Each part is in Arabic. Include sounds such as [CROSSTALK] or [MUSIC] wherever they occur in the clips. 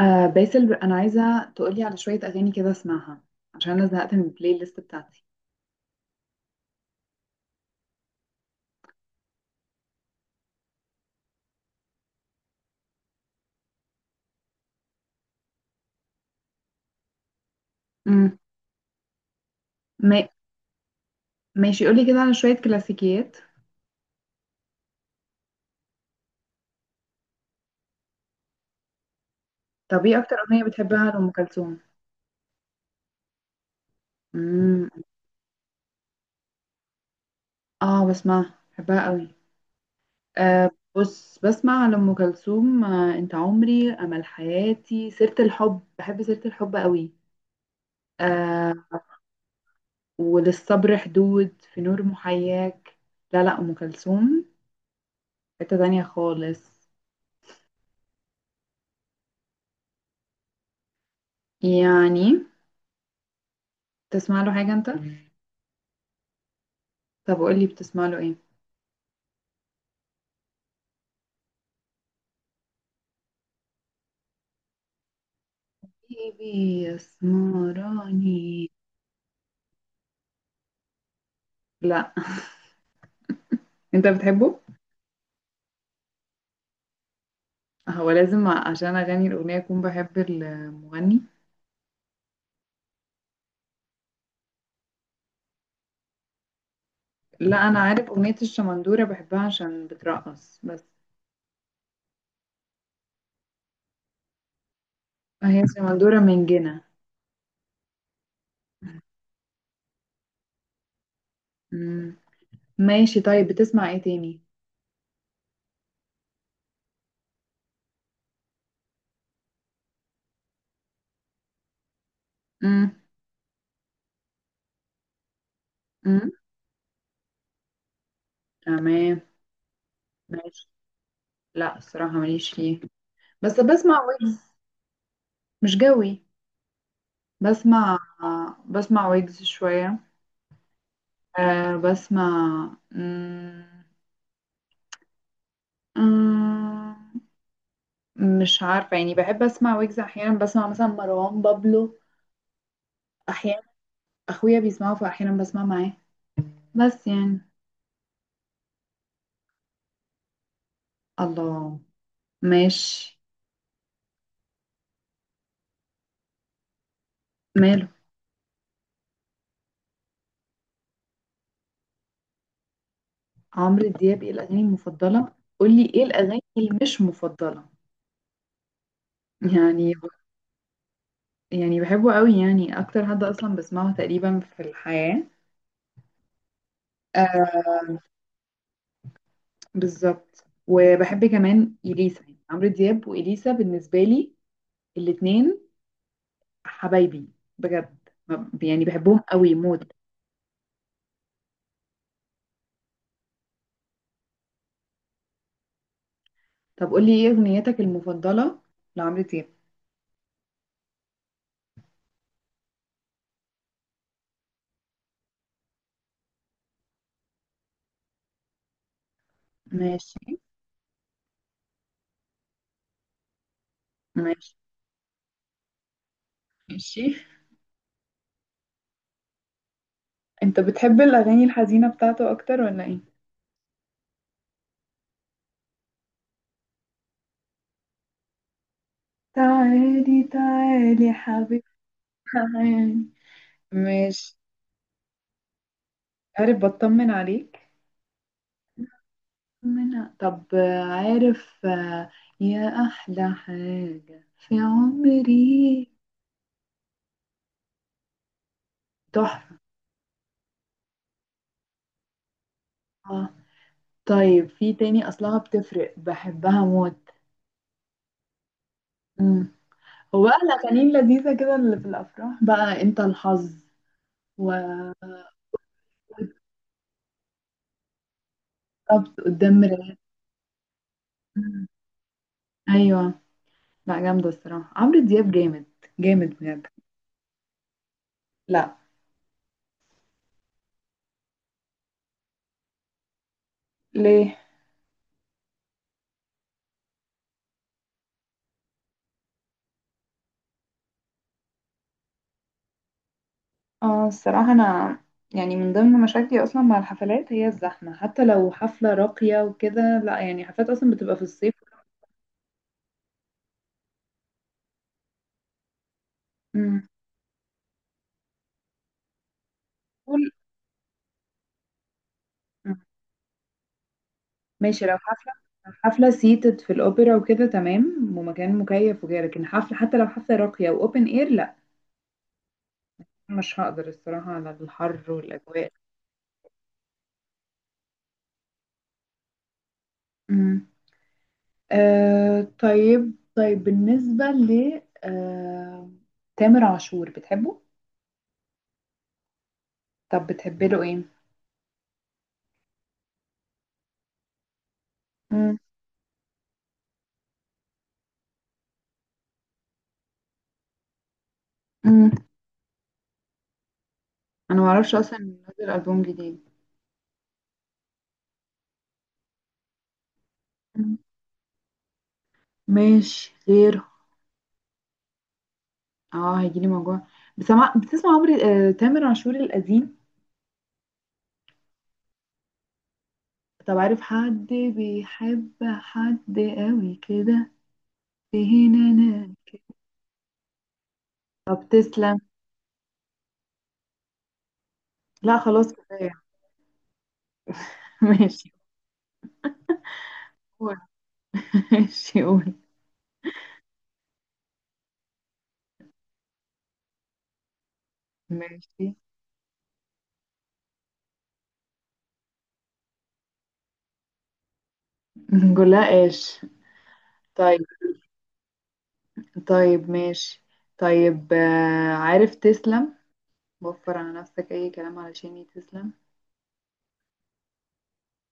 آه، باسل، انا عايزه تقولي على شويه اغاني كده اسمعها. عشان انا زهقت من البلاي ليست بتاعتي. امم ما... ماشي، قولي كده على شويه كلاسيكيات. طب ايه اكتر اغنيه بتحبها لام كلثوم؟ امم. اه، بسمعها بحبها قوي. آه بص، بسمع لام كلثوم، انت عمري، امل حياتي، سيره الحب، بحب سيره الحب قوي، آه، وللصبر حدود، في نور محياك. لا لا، ام كلثوم حته تانية خالص. يعني، تسمع له حاجه انت؟ طب قولي، بتسمع له ايه؟ حبيبي يسمراني؟ لا، انت بتحبه؟ هو لازم عشان اغني الاغنيه اكون بحب المغني؟ لا، انا عارف اغنيه الشمندوره بحبها عشان بترقص بس. هي الشمندوره من جنة. مم. ماشي، طيب بتسمع ايه تاني؟ مم. مم. تمام. ماشي. لا، الصراحه ماليش فيه، بس بسمع ويجز. مش جوي. بسمع بسمع ويجز شويه. أه بسمع. مم. أمم، مش عارفة، يعني بحب أسمع ويجز أحيانا، بسمع مثلا مروان بابلو أحيانا. أخويا بيسمعه فأحيانا بسمع معاه، بس يعني. الله. ماشي. ماله عمرو دياب؟ إيه الأغاني المفضلة؟ قولي إيه الأغاني اللي مش مفضلة. يعني يعني بحبه قوي، يعني أكتر حد أصلا بسمعه تقريبا في الحياة. آه، بالظبط. وبحب كمان إليسا، يعني عمرو دياب وإليسا بالنسبة لي الاتنين حبايبي بجد. يعني بحبهم قوي موت. طب قولي ايه اغنيتك المفضلة لعمرو دياب. ماشي. ماشي. ماشي. انت بتحب الاغاني الحزينة بتاعته اكتر ولا ايه؟ تعالي تعالي يا حبيبي، تعالي. ماشي. عارف بطمن عليك؟ من طب، عارف، يا احلى حاجة في عمري، تحفة. طيب، في تاني اصلها بتفرق، بحبها موت. هو بقى الأغاني اللذيذة كده اللي في الأفراح، بقى أنت الحظ، وربط، قدام مراية. أيوة. لا، جامدة، الصراحة عمرو دياب جامد، جامد بجد. لا. ليه؟ اه الصراحة أنا يعني من ضمن مشاكلي أصلا مع الحفلات هي الزحمة. حتى لو حفلة راقية وكده لا، يعني حفلات أصلا بتبقى في الصيف. أمم. طول. أمم. ماشي، لو حفلة، حفلة سيتد في الأوبرا وكده تمام ومكان مكيف وكده، لكن حفلة حتى لو حفلة راقية وأوبن إير لا. مش هقدر الصراحة على الحر والأجواء. مم. آه طيب، طيب بالنسبة ل تامر عاشور، بتحبه؟ طب بتحبي له ايه؟ مم. مم. أنا معرفش أصلا إنه نزل ألبوم جديد. مم. ماشي، غير. اه، هيجيلي موجوع. بتسمع عمري، تامر عاشور القديم. طب عارف حد بيحب حد قوي كده؟ فين أنا؟ طب تسلم. لا خلاص، كفاية. [LAUGHS] ماشي، قول. ماشي قول. ماشي. [LAUGHS] نقول لها ايش؟ طيب. طيب ماشي. طيب، عارف تسلم؟ وفر على نفسك اي كلام علشان تسلم.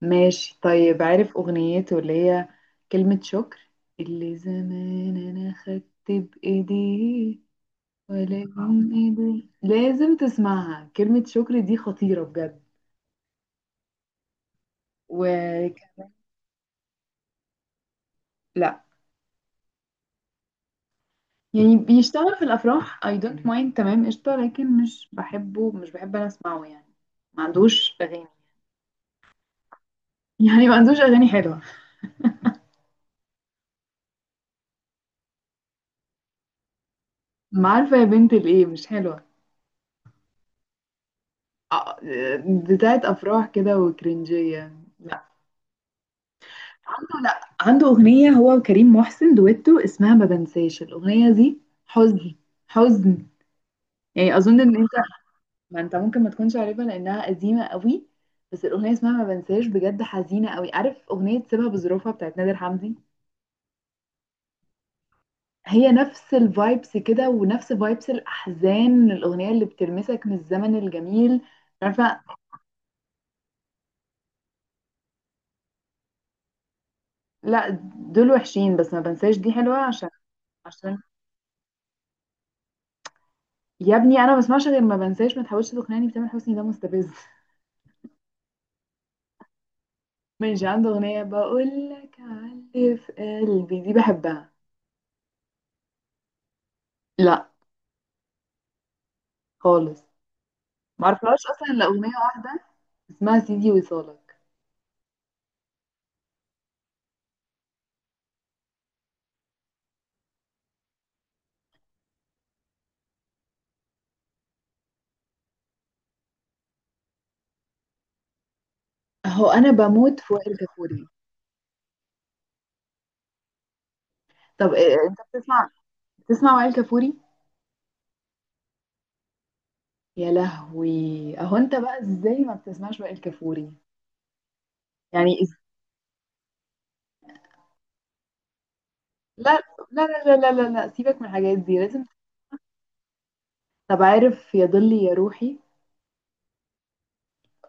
ماشي. طيب عارف اغنيته اللي هي كلمة شكر، اللي زمان انا خدت بايديه ولكن ايدي لازم تسمعها؟ كلمة شكر دي خطيرة بجد. و لا، يعني بيشتغل في الافراح I don't mind، تمام قشطه، لكن مش بحبه، مش بحب انا اسمعه يعني. ما عندوش اغاني. يعني ما عندوش اغاني حلوه. ما عارفه، يا بنت الايه مش حلوه. آه، بتاعت افراح كده وكرنجيه، لا. عنده، لا، عنده اغنيه هو وكريم محسن دويتو اسمها ما بنساش، الاغنيه دي حزن، حزن. يعني اظن ان انت، ما انت ممكن ما تكونش عارفها لانها قديمه قوي، بس الاغنيه اسمها ما بنساش بجد حزينه قوي. عارف اغنيه سيبها بظروفها بتاعت نادر حمدي؟ هي نفس الفايبس كده، ونفس فايبس الأحزان، الأغنية اللي بتلمسك من الزمن الجميل. عارفة؟ لا، دول وحشين، بس ما بنساش دي حلوة. عشان يا ابني أنا ما بسمعش غير ما بنساش، ما تحاولش تقنعني بتامر حسني ده مستفز. [LAUGHS] ماشي، عنده أغنية بقول لك علي في قلبي دي بحبها. لا. خالص. ما اعرفهاش أصلا إلا أغنية واحدة اسمها سيدي وصالك. أهو أنا بموت في وائل كفوري. طب إيه، أنت بتسمع وائل كفوري؟ يا لهوي. اهو انت بقى، ازاي ما بتسمعش بقى الكافوري؟ يعني لا لا لا لا لا لا، سيبك من الحاجات دي، لازم. طب عارف يا ضلي يا روحي؟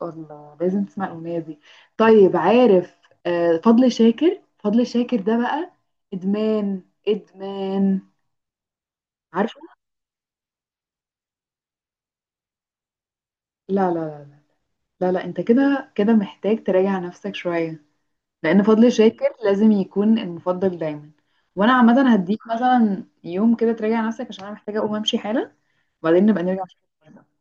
الله، لازم تسمع الاغنيه دي. طيب عارف، فضل شاكر، فضل شاكر ده بقى ادمان. ادمان. عارفه؟ لا لا لا لا. لا لا، انت كده كده محتاج تراجع نفسك شويه. لان فضل شاكر لازم يكون المفضل دايما. وانا عامه هديك مثلا يوم كده تراجع نفسك، عشان انا محتاجه اقوم امشي حالا. وبعدين نبقى نرجع نشوف.